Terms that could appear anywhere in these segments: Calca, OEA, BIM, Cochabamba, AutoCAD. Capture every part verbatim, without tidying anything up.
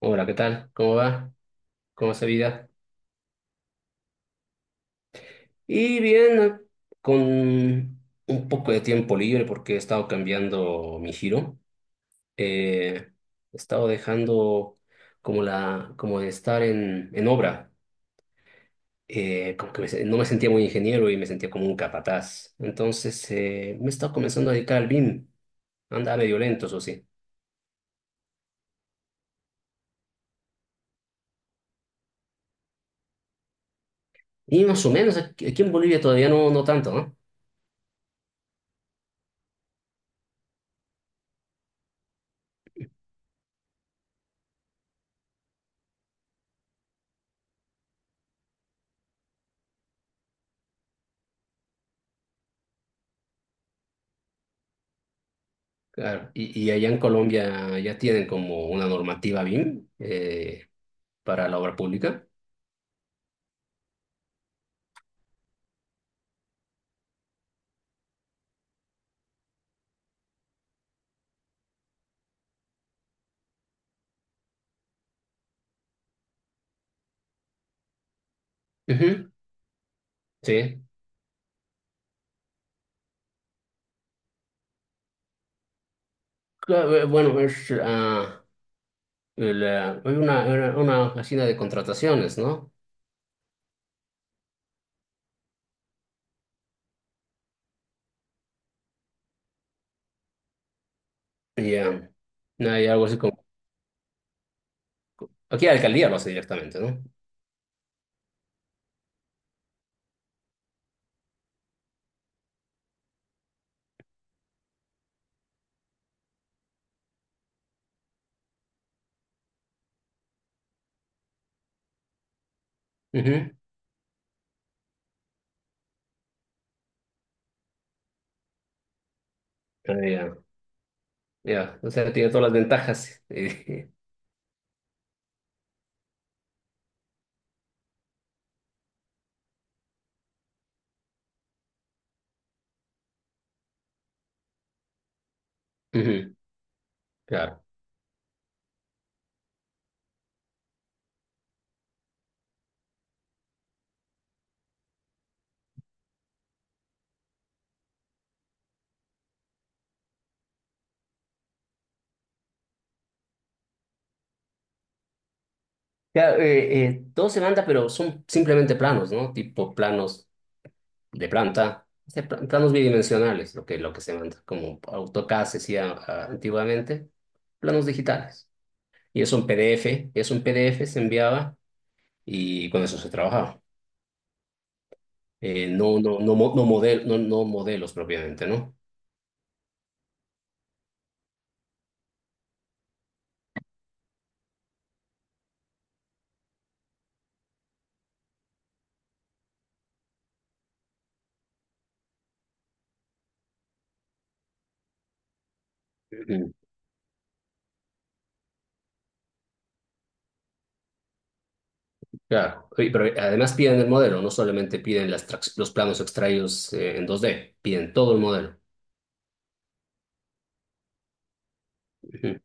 Hola, ¿qué tal? ¿Cómo va? ¿Cómo va esa vida? Y bien, eh, con un poco de tiempo libre porque he estado cambiando mi giro. Eh, He estado dejando como la, como de estar en, en obra. Eh, como que me se- no me sentía muy ingeniero y me sentía como un capataz. Entonces eh, me he estado comenzando a dedicar al BIM. Anda medio lento, eso sí. Y más o menos, aquí aquí en Bolivia todavía no, no tanto, ¿no? Claro, y, y allá en Colombia ya tienen como una normativa BIM eh, para la obra pública. Ujú, sí. Claro, eh, bueno, es, ah, la- hay una, una, una oficina de contrataciones, ¿no? Y ah, hay algo así como... Aquí la alcaldía lo hace directamente, ¿no? Ujú. Ah, ya, ya. O sea, tiene todas las ventajas. Eh, ujú, claro. Ya, eh, eh, todo se manda, pero son simplemente planos, ¿no? Tipo planos de planta, de pla- planos bidimensionales, lo que, lo que se manda, como AutoCAD se hacía ah, antiguamente, planos digitales. Y eso en P D F, eso en P D F se enviaba y con eso se trabajaba. Eh, no, no, no, mo- no, model, no, no modelos propiamente, ¿no? Ujú. Claro, y- pero además piden el modelo, no solamente piden las trax- los planos extraídos eh, en dos D, piden todo el modelo. Ujú,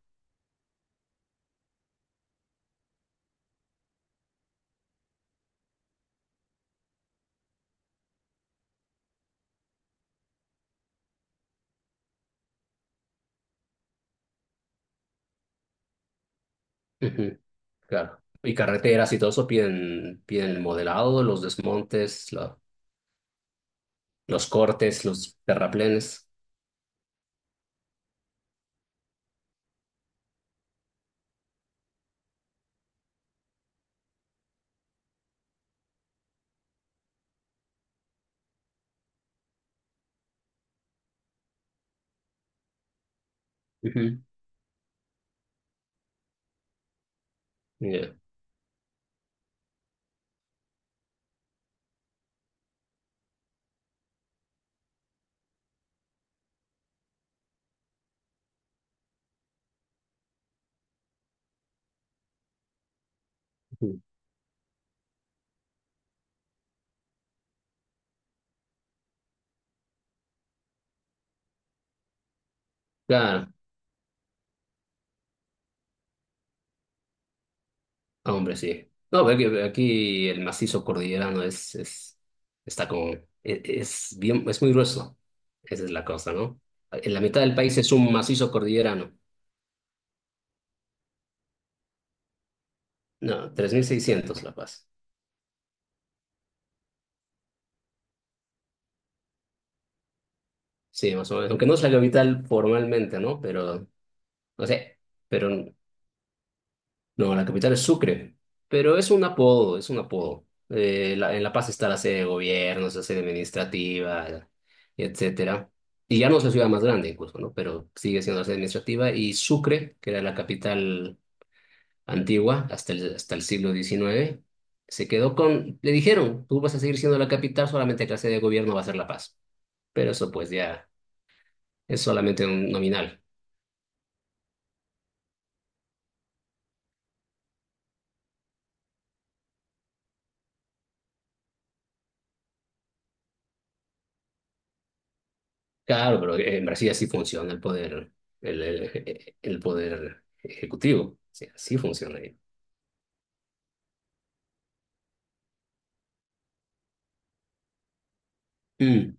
ujú, claro. Y carreteras y todo eso piden, piden el modelado, los desmontes, la- los cortes, los terraplenes. Ujú. Ya. Ujú. Claro, ah, hombre, sí. No, ve que aquí el macizo cordillerano es, es, está como, e- es, bien, es muy grueso. Esa es la cosa, ¿no? En la mitad del país es un macizo cordillerano. No, tres mil seiscientos La Paz. Sí, más o menos. Aunque no es la capital formalmente, ¿no? Pero, no sé, pero no, la capital es Sucre, pero es un apodo, es un apodo. Eh, la- en La Paz está la sede de gobierno, la sede administrativa, y etcétera. Y ya no es la ciudad más grande incluso, ¿no? Pero sigue siendo la sede administrativa. Y Sucre, que era la capital antigua hasta el, hasta el siglo diecinueve, se quedó con... Le dijeron, tú vas a seguir siendo la capital, solamente que la sede de gobierno va a ser La Paz. Pero eso pues ya es solamente un nominal. Claro, pero en Brasil así funciona el poder, el, el, el poder ejecutivo. Sí, sea, así funciona ahí. Mm,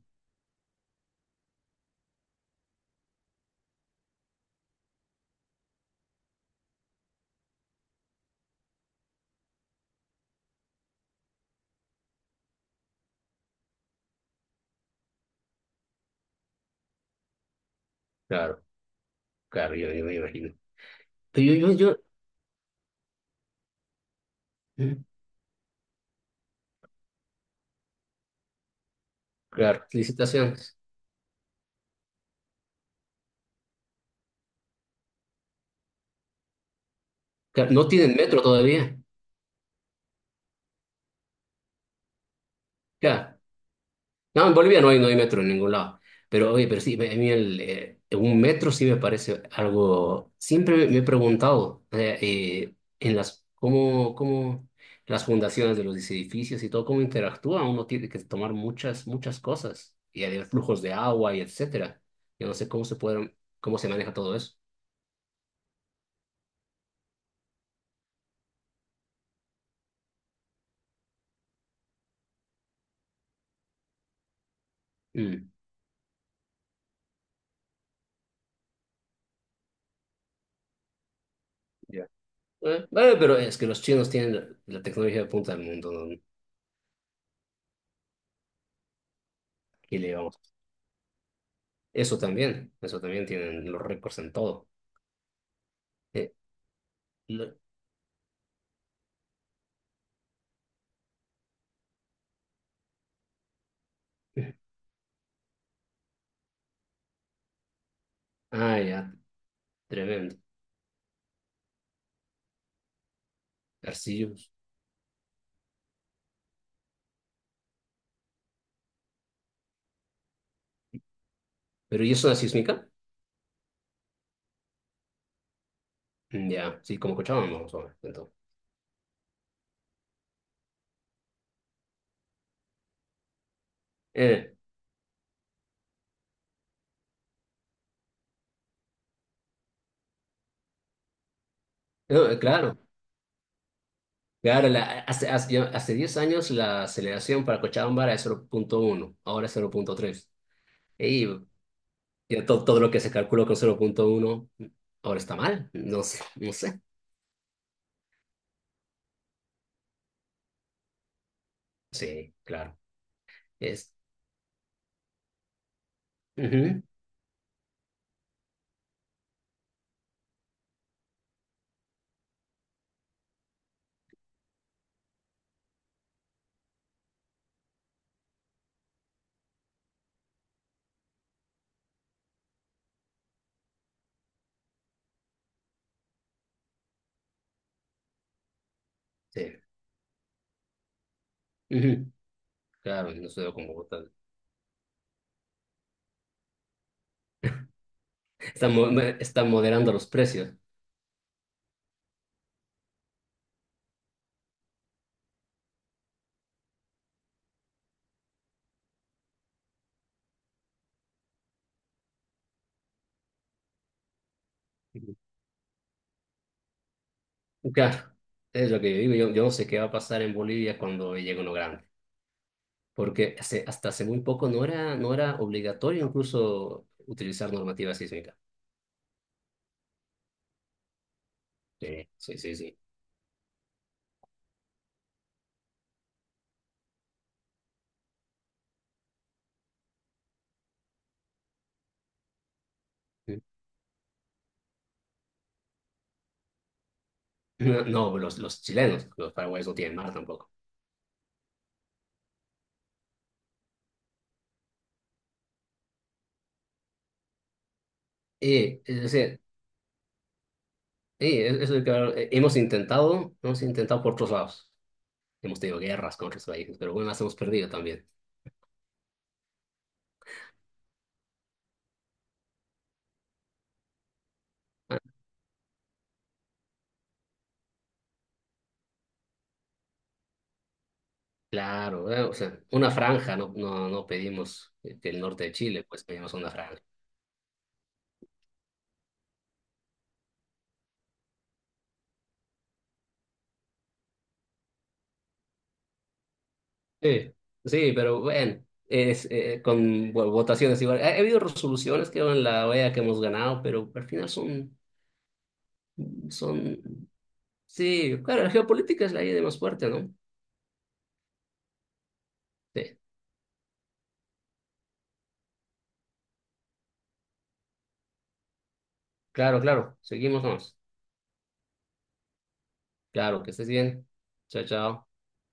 claro, claro, yo, yo me imagino. Pero yo, yo, yo, mm, claro, licitaciones. Claro, no tienen metro todavía. Claro, no, en Bolivia no hay, no hay metro en ningún lado. Pero oye, pero sí, me- a mí el, eh, un metro sí me parece algo. Siempre me he preguntado eh, eh, en las cómo, cómo las fundaciones de los edificios y todo, cómo interactúan. Uno tiene que tomar muchas, muchas cosas. Y hay flujos de agua y etcétera. Yo no sé cómo se pueden, cómo se maneja todo eso. Mm. Ya. Eh, bueno, pero es que los chinos tienen la tecnología de punta del mundo, ¿no? ¿Qué le vamos? a hacer? Eso también, eso también tienen los récords en todo. Eh, lo- Ah, ya, tremendo. Arcillos. ¿Pero y eso es sísmica? Mm, ya, sí, como Cochabamba, más o menos, entonces. Eh, no, eh, claro, claro, la- hace, hace, yo- hace diez años la aceleración para Cochabamba era de cero punto uno, ahora es cero punto tres. Y ya to- todo lo que se calculó con cero punto uno ahora está mal, no sé, no sé. Sí, claro. Es, ujú, sí, ujú, claro, no sé cómo votar. Están, mo- están moderando los precios. Claro, es lo que yo digo. Yo, yo no sé qué va a pasar en Bolivia cuando llegue uno grande, porque hace- hasta hace muy poco no era, no era obligatorio incluso utilizar normativa sísmica. Sí, sí, sí, sí. Sí. No, no, los, los chilenos, los paraguayos no tienen mar tampoco. Y, es decir, y es- es lo que eh, hemos intentado, hemos intentado por otros lados. Hemos tenido guerras con otros países, pero bueno, las hemos perdido también. Ah, claro, eh, o sea, una franja, no, no, no pedimos eh, que el norte de Chile, pues pedimos una franja. Sí, sí, pero bueno, es, eh, con bueno, votaciones igual. Ha, ha habido resoluciones que en la O E A que hemos ganado, pero al final son, son, sí, claro, la geopolítica es la idea más fuerte, ¿no? Sí, claro, claro, seguimos más. Claro, que estés bien. Chao, chao.